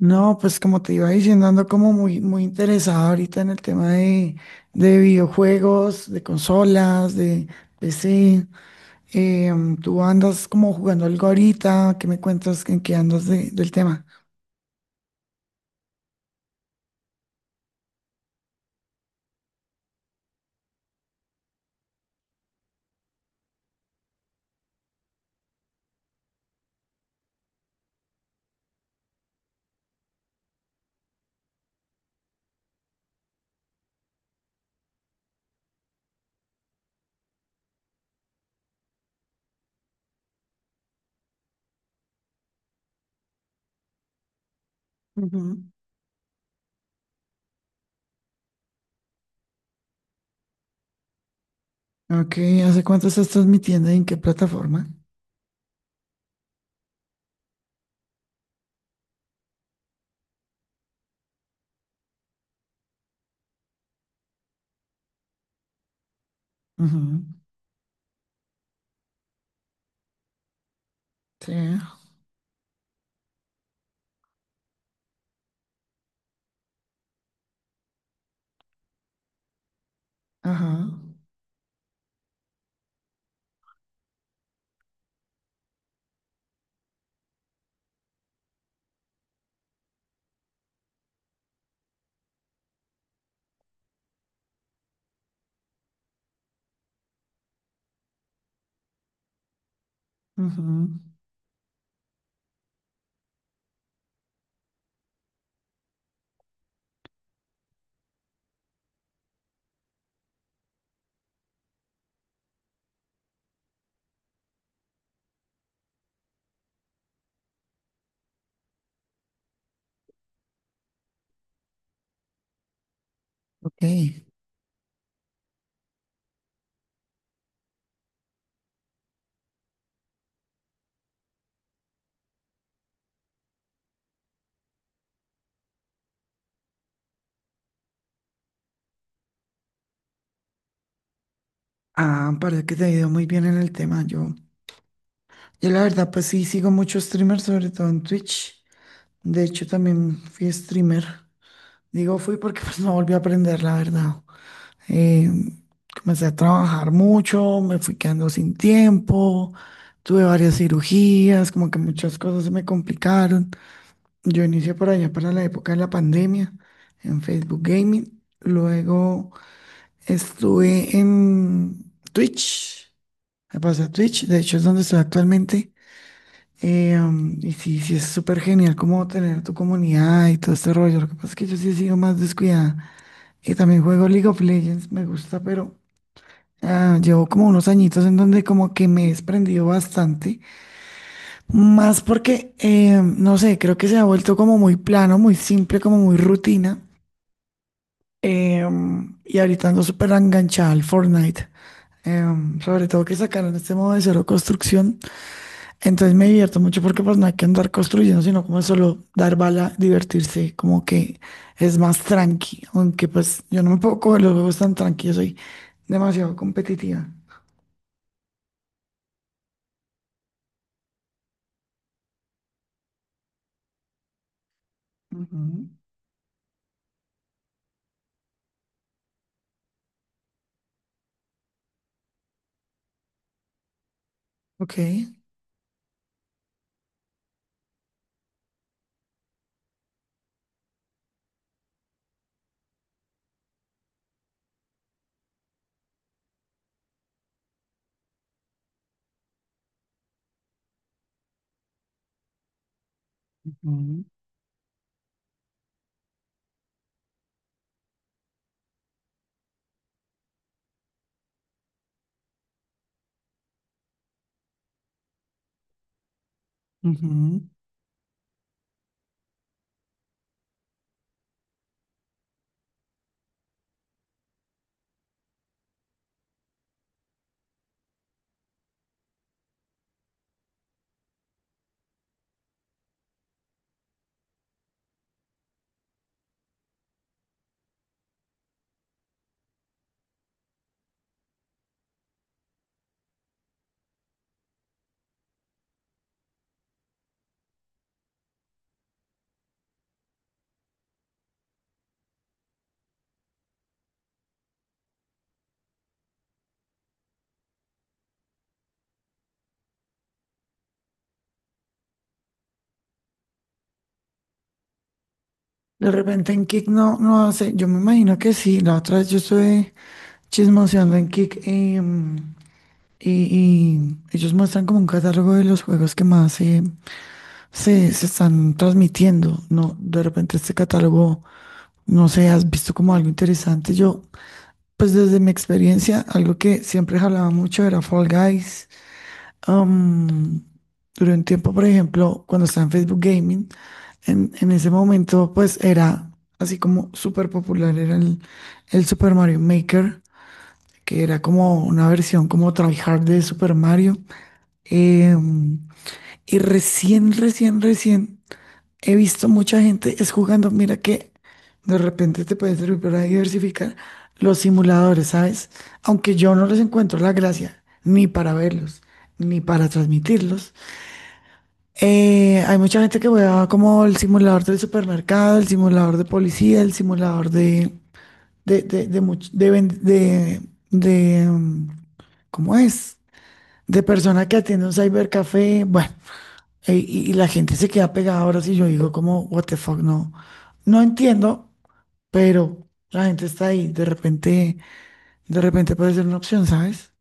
No, pues como te iba diciendo, ando como muy, muy interesado ahorita en el tema de videojuegos, de consolas, de PC. Tú andas como jugando algo ahorita, ¿qué me cuentas en qué andas del tema? Ujú. Ok, ¿hace cuánto estás transmitiendo y en qué plataforma? Ujú. Sí, ajá, ujú. Ok. Ah, parece que te ha ido muy bien en el tema. Yo la verdad, pues sí, sigo muchos streamers, sobre todo en Twitch. De hecho, también fui streamer. Digo, fui porque pues no volví a aprender, la verdad. Eh, Comencé a trabajar mucho, me fui quedando sin tiempo, tuve varias cirugías, como que muchas cosas se me complicaron. Yo inicié por allá para la época de la pandemia en Facebook Gaming. Luego estuve en Twitch. Me pasé a Twitch, de hecho es donde estoy actualmente. Y sí, sí, es súper genial como tener tu comunidad y todo este rollo. Lo que pasa es que yo sí he sido más descuidada. Y también juego League of Legends, me gusta, pero ah, llevo como unos añitos en donde como que me he desprendido bastante. Más porque, no sé, creo que se ha vuelto como muy plano, muy simple, como muy rutina. Y ahorita ando súper enganchada al Fortnite. Sobre todo que sacaron este modo de cero construcción. Entonces me divierto mucho porque pues no hay que andar construyendo, sino como solo dar bala, divertirse, como que es más tranqui, aunque pues yo no me puedo coger los juegos tan tranquilos, soy demasiado competitiva. Ujú, ok. Ujú, ujú. De repente en Kick no, no sé, yo me imagino que sí. La otra vez yo estuve chismoseando en Kick, y, y ellos muestran como un catálogo de los juegos que más se están transmitiendo, ¿no? De repente este catálogo... No sé, ¿has visto como algo interesante? Yo, pues desde mi experiencia, algo que siempre jalaba mucho era Fall Guys. Am, Duré un tiempo, por ejemplo, cuando estaba en Facebook Gaming, en ese momento, pues era así como súper popular, era el Super Mario Maker, que era como una versión como tryhard de Super Mario. Em, y recién he visto mucha gente es jugando. Mira que de repente te puede servir para diversificar los simuladores, ¿sabes? Aunque yo no les encuentro la gracia, ni para verlos, ni para transmitirlos. Hay mucha gente que juega como el simulador del supermercado, el simulador de policía, el simulador de, much- de ven- de, mm, ¿cómo es? De persona que atiende un cybercafé. Bueno, y la gente se queda pegada. Ahora si yo digo como, what the fuck, no, no entiendo, pero la gente está ahí. De repente puede ser una opción, ¿sabes?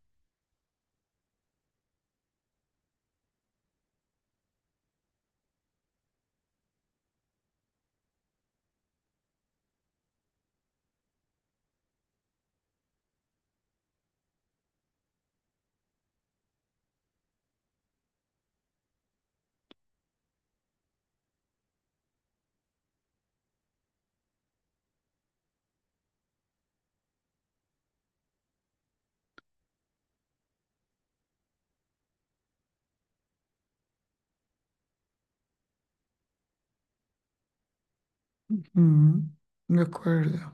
Mm, de acuerdo.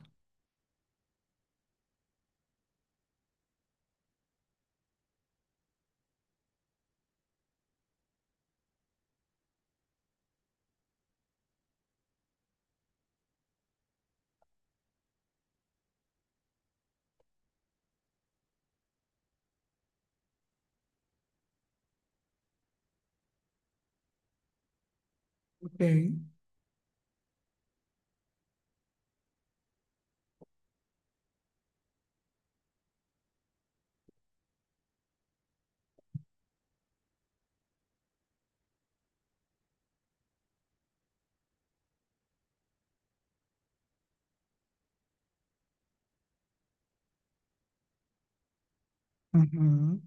Ok. Ujú.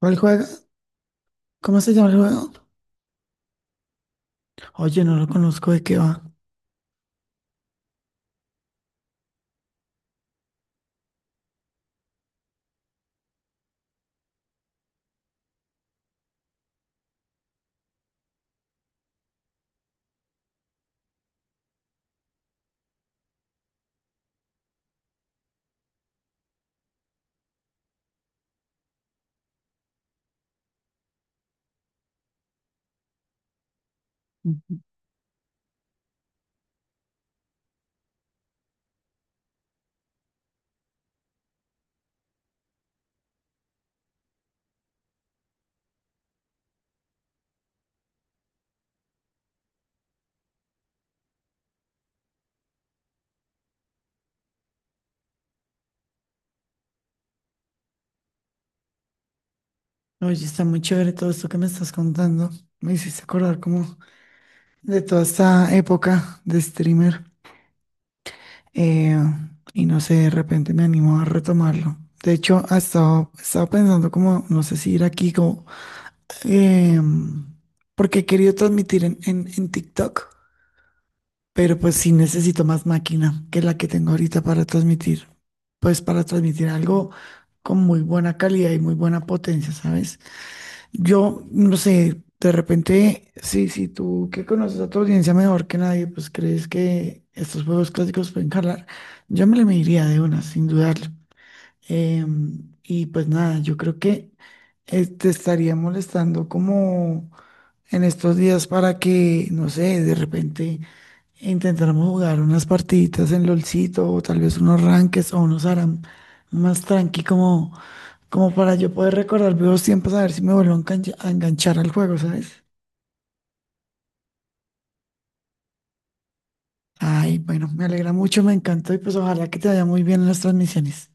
¿Cuál juega? ¿Cómo se llama el juego? Oye, no lo conozco, ¿de qué va? Ujú. Oye, está muy chévere todo esto que me estás contando. Me hiciste acordar como de toda esta época de streamer. eh, y no sé, de repente me animo a retomarlo. De hecho, he estado pensando como, no sé si ir aquí como, em, porque he querido transmitir en TikTok, pero pues sí necesito más máquina que la que tengo ahorita para transmitir, pues para transmitir algo con muy buena calidad y muy buena potencia, ¿sabes? Yo, no sé, de repente, sí, sí, tú que conoces a tu audiencia mejor que nadie, pues crees que estos juegos clásicos pueden jalar. Yo me le mediría de una, sin dudarlo. Y pues nada, yo creo que te estaría molestando como en estos días para que, no sé, de repente intentáramos jugar unas partiditas en LOLcito, o tal vez unos ranques o unos ARAM más tranqui como. Como para yo poder recordar viejos tiempos, a ver si me vuelvo a enganchar al juego, ¿sabes? Ay, bueno, me alegra mucho, me encantó y pues ojalá que te vaya muy bien en las transmisiones.